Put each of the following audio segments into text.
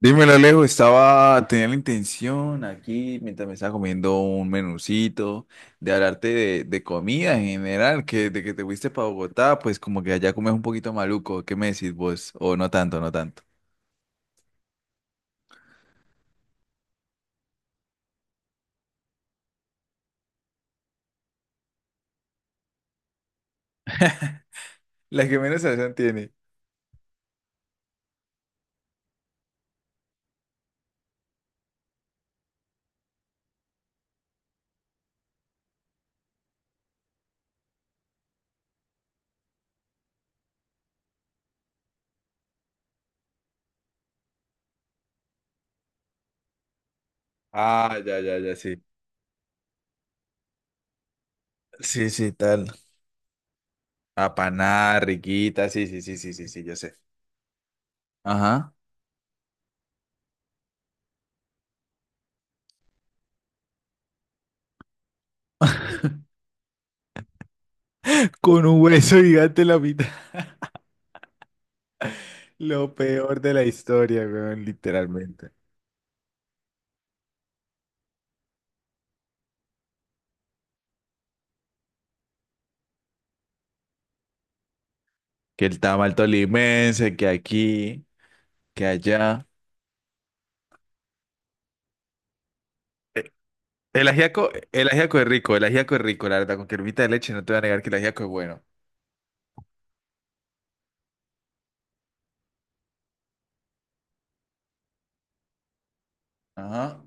Dímelo, Alejo, tenía la intención aquí, mientras me estaba comiendo un menucito, de hablarte de comida en general, que de que te fuiste para Bogotá, pues como que allá comes un poquito maluco. ¿Qué me decís vos? O no tanto, no tanto. La que menos sazón tiene. Ah, ya, ya, ya, sí. Sí, sí, tal. Apanada, riquita, sí, sí, sí, sí, sí, sí, yo sé. Ajá. Con un hueso gigante en la mitad. Lo peor de la historia, weón, literalmente. Que el tamal tolimense, que aquí. Que allá. Eh, el ajiaco es rico, el ajiaco es rico, la verdad, con cremita de leche no te voy a negar que el ajiaco es bueno. Ajá.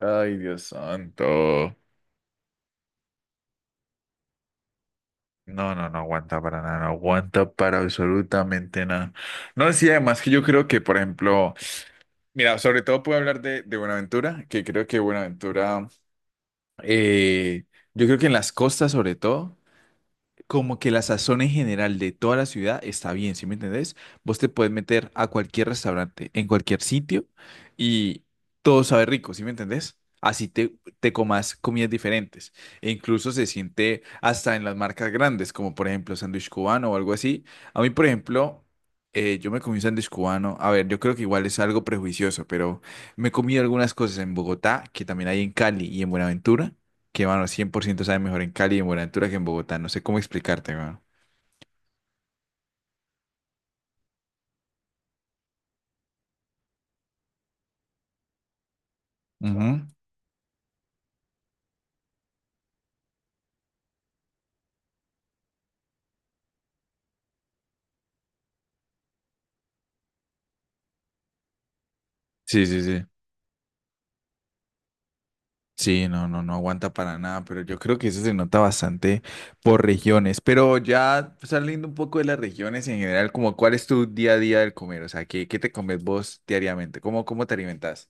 Ay, Dios santo. No, no, no aguanta para nada, no aguanta para absolutamente nada. No, sí, además que yo creo que, por ejemplo, mira, sobre todo puedo hablar de Buenaventura, que creo que Buenaventura, eh, yo creo que en las costas sobre todo. Como que la sazón en general de toda la ciudad está bien, ¿sí me entendés? Vos te puedes meter a cualquier restaurante, en cualquier sitio y todo sabe rico, ¿sí me entendés? Así te comas comidas diferentes. E incluso se siente hasta en las marcas grandes, como por ejemplo sándwich cubano o algo así. A mí, por ejemplo, yo me comí un sándwich cubano. A ver, yo creo que igual es algo prejuicioso, pero me comí algunas cosas en Bogotá, que también hay en Cali y en Buenaventura que, mano, 100% sabe mejor en Cali y en Buenaventura que en Bogotá. No sé cómo explicarte, mano. Ujú. Sí, sí, sí. Sí, no, no, no aguanta para nada, pero yo creo que eso se nota bastante por regiones. Pero ya saliendo un poco de las regiones en general, como cuál es tu día a día del comer, o sea, ¿qué, qué te comes vos diariamente? ¿Cómo te alimentas?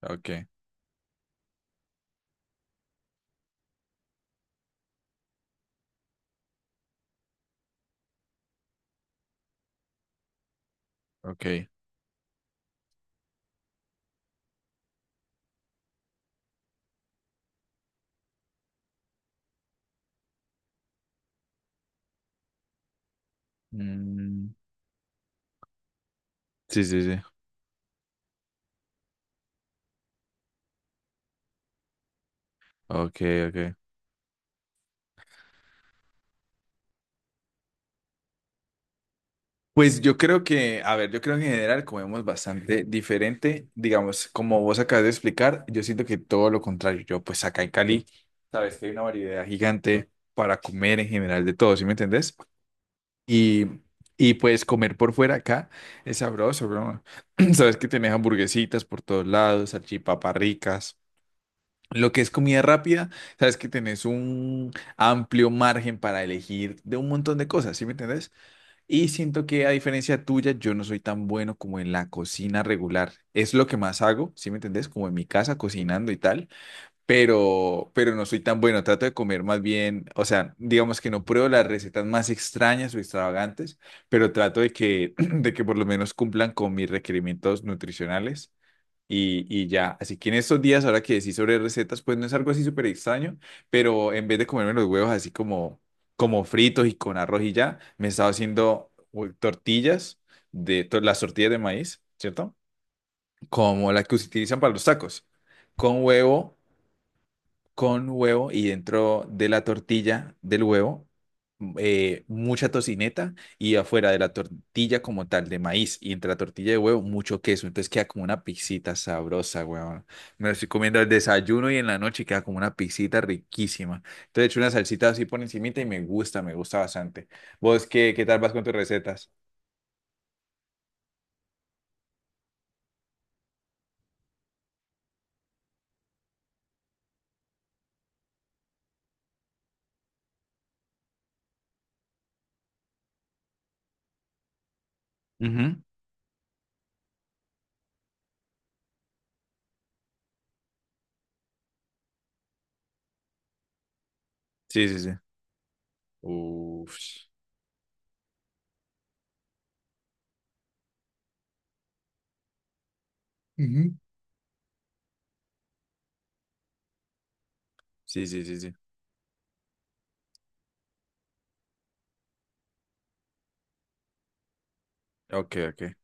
Ok, ok. Mm, sí, sí, sí. Ok, ok. Pues yo creo que, a ver, yo creo que en general comemos bastante diferente, digamos, como vos acabas de explicar, yo siento que todo lo contrario, yo pues acá en Cali, sabes que hay una variedad gigante para comer en general de todo, ¿sí me entendés? Y, y pues comer por fuera acá es sabroso, bro. Sabes que tenés hamburguesitas por todos lados, salchipapas ricas. Lo que es comida rápida, sabes que tenés un amplio margen para elegir de un montón de cosas, ¿sí me entendés? Y siento que a diferencia tuya, yo no soy tan bueno como en la cocina regular. Es lo que más hago, ¿sí me entendés? Como en mi casa cocinando y tal, pero no soy tan bueno. Trato de comer más bien, o sea, digamos que no pruebo las recetas más extrañas o extravagantes, pero trato de que, de que por lo menos cumplan con mis requerimientos nutricionales. Y ya, así que en estos días, ahora que decís sobre recetas, pues no es algo así súper extraño, pero en vez de comerme los huevos así como, como fritos y con arroz y ya, me he estado haciendo tortillas, de las tortillas de maíz, ¿cierto? Como las que se utilizan para los tacos, con huevo con huevo y dentro de la tortilla del huevo mucha tocineta y afuera de la tortilla como tal de maíz y entre la tortilla de huevo mucho queso. Entonces queda como una pizzita sabrosa, huevón. Me lo estoy comiendo al desayuno y en la noche queda como una pizzita riquísima. Entonces he hecho una salsita así por encimita y me gusta bastante. ¿Vos qué, qué tal vas con tus recetas? Ujú. Sí, sí, sí. Uf. Ujú. Sí, sí, sí, sí. Ok, ok.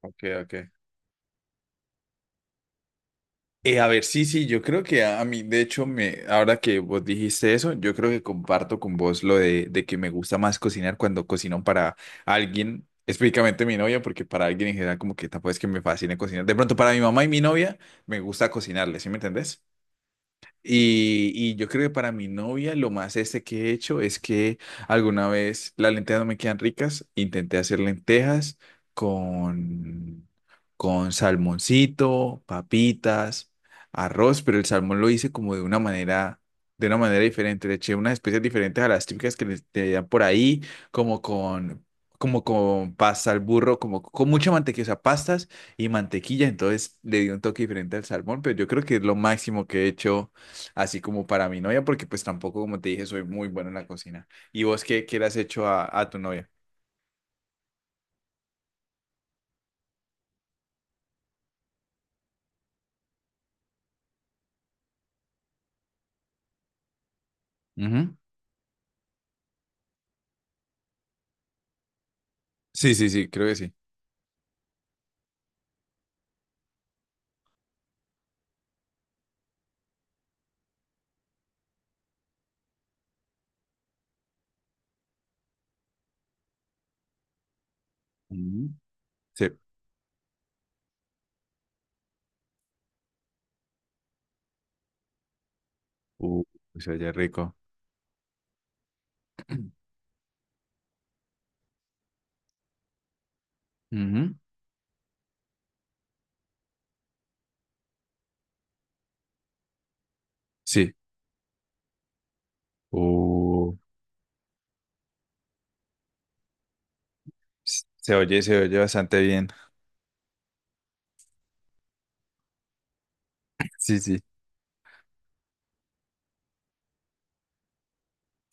Ok, ok. A ver, sí, sí, yo creo que a mí, de hecho, ahora que vos dijiste eso, yo creo que comparto con vos lo de que me gusta más cocinar cuando cocino para alguien, específicamente mi novia, porque para alguien en general como que tampoco es que me fascine cocinar. De pronto, para mi mamá y mi novia, me gusta cocinarle, ¿sí me entendés? Y yo creo que para mi novia lo más este que he hecho es que alguna vez las lentejas no me quedan ricas, intenté hacer lentejas con, con salmoncito, papitas, arroz, pero el salmón lo hice como de una manera diferente, le eché unas especias diferentes a las típicas que le te dan por ahí, como con, como con pasta al burro, como con mucha mantequilla, o sea, pastas y mantequilla, entonces le di un toque diferente al salmón, pero yo creo que es lo máximo que he hecho así como para mi novia, porque pues tampoco, como te dije, soy muy bueno en la cocina. ¿Y vos qué, qué le has hecho a tu novia? Ujú. Sí, sí, sí, creo que sí. Ujú. Sí. Uh, se oye rico. Ujú. Sí. Uh, se oye bastante bien. Sí, sí.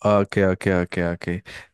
Ok, ok, ok, ok.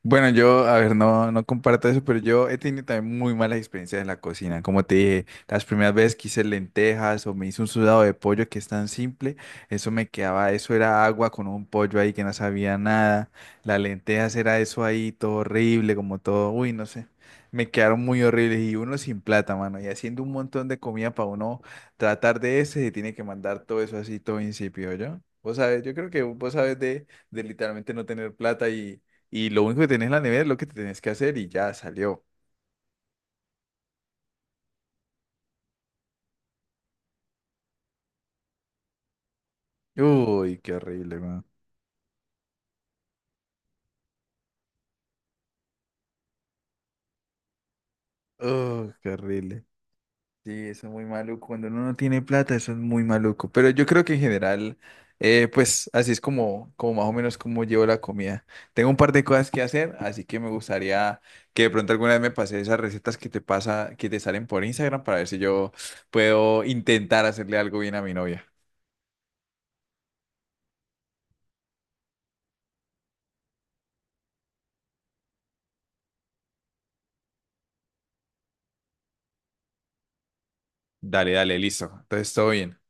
Bueno, yo, a ver, no, no comparto eso, pero yo he tenido también muy malas experiencias en la cocina. Como te dije, las primeras veces que hice lentejas o me hice un sudado de pollo que es tan simple, eso me quedaba, eso era agua con un pollo ahí que no sabía nada. Las lentejas era eso ahí, todo horrible, como todo, uy, no sé. Me quedaron muy horribles y uno sin plata, mano, y haciendo un montón de comida para uno tratar de ese, se tiene que mandar todo eso así, todo insípido, ¿yo? Vos sabés, yo creo que vos sabés de literalmente no tener plata y lo único que tenés en la nevera es lo que te tenés que hacer y ya salió. Uy, qué horrible, man. Uy, qué horrible. Sí, eso es muy maluco. Cuando uno no tiene plata, eso es muy maluco. Pero yo creo que en general, pues así es como más o menos como llevo la comida. Tengo un par de cosas que hacer, así que me gustaría que de pronto alguna vez me pase esas recetas que te pasa, que te salen por Instagram para ver si yo puedo intentar hacerle algo bien a mi novia. Dale, dale, listo. Entonces, todo bien.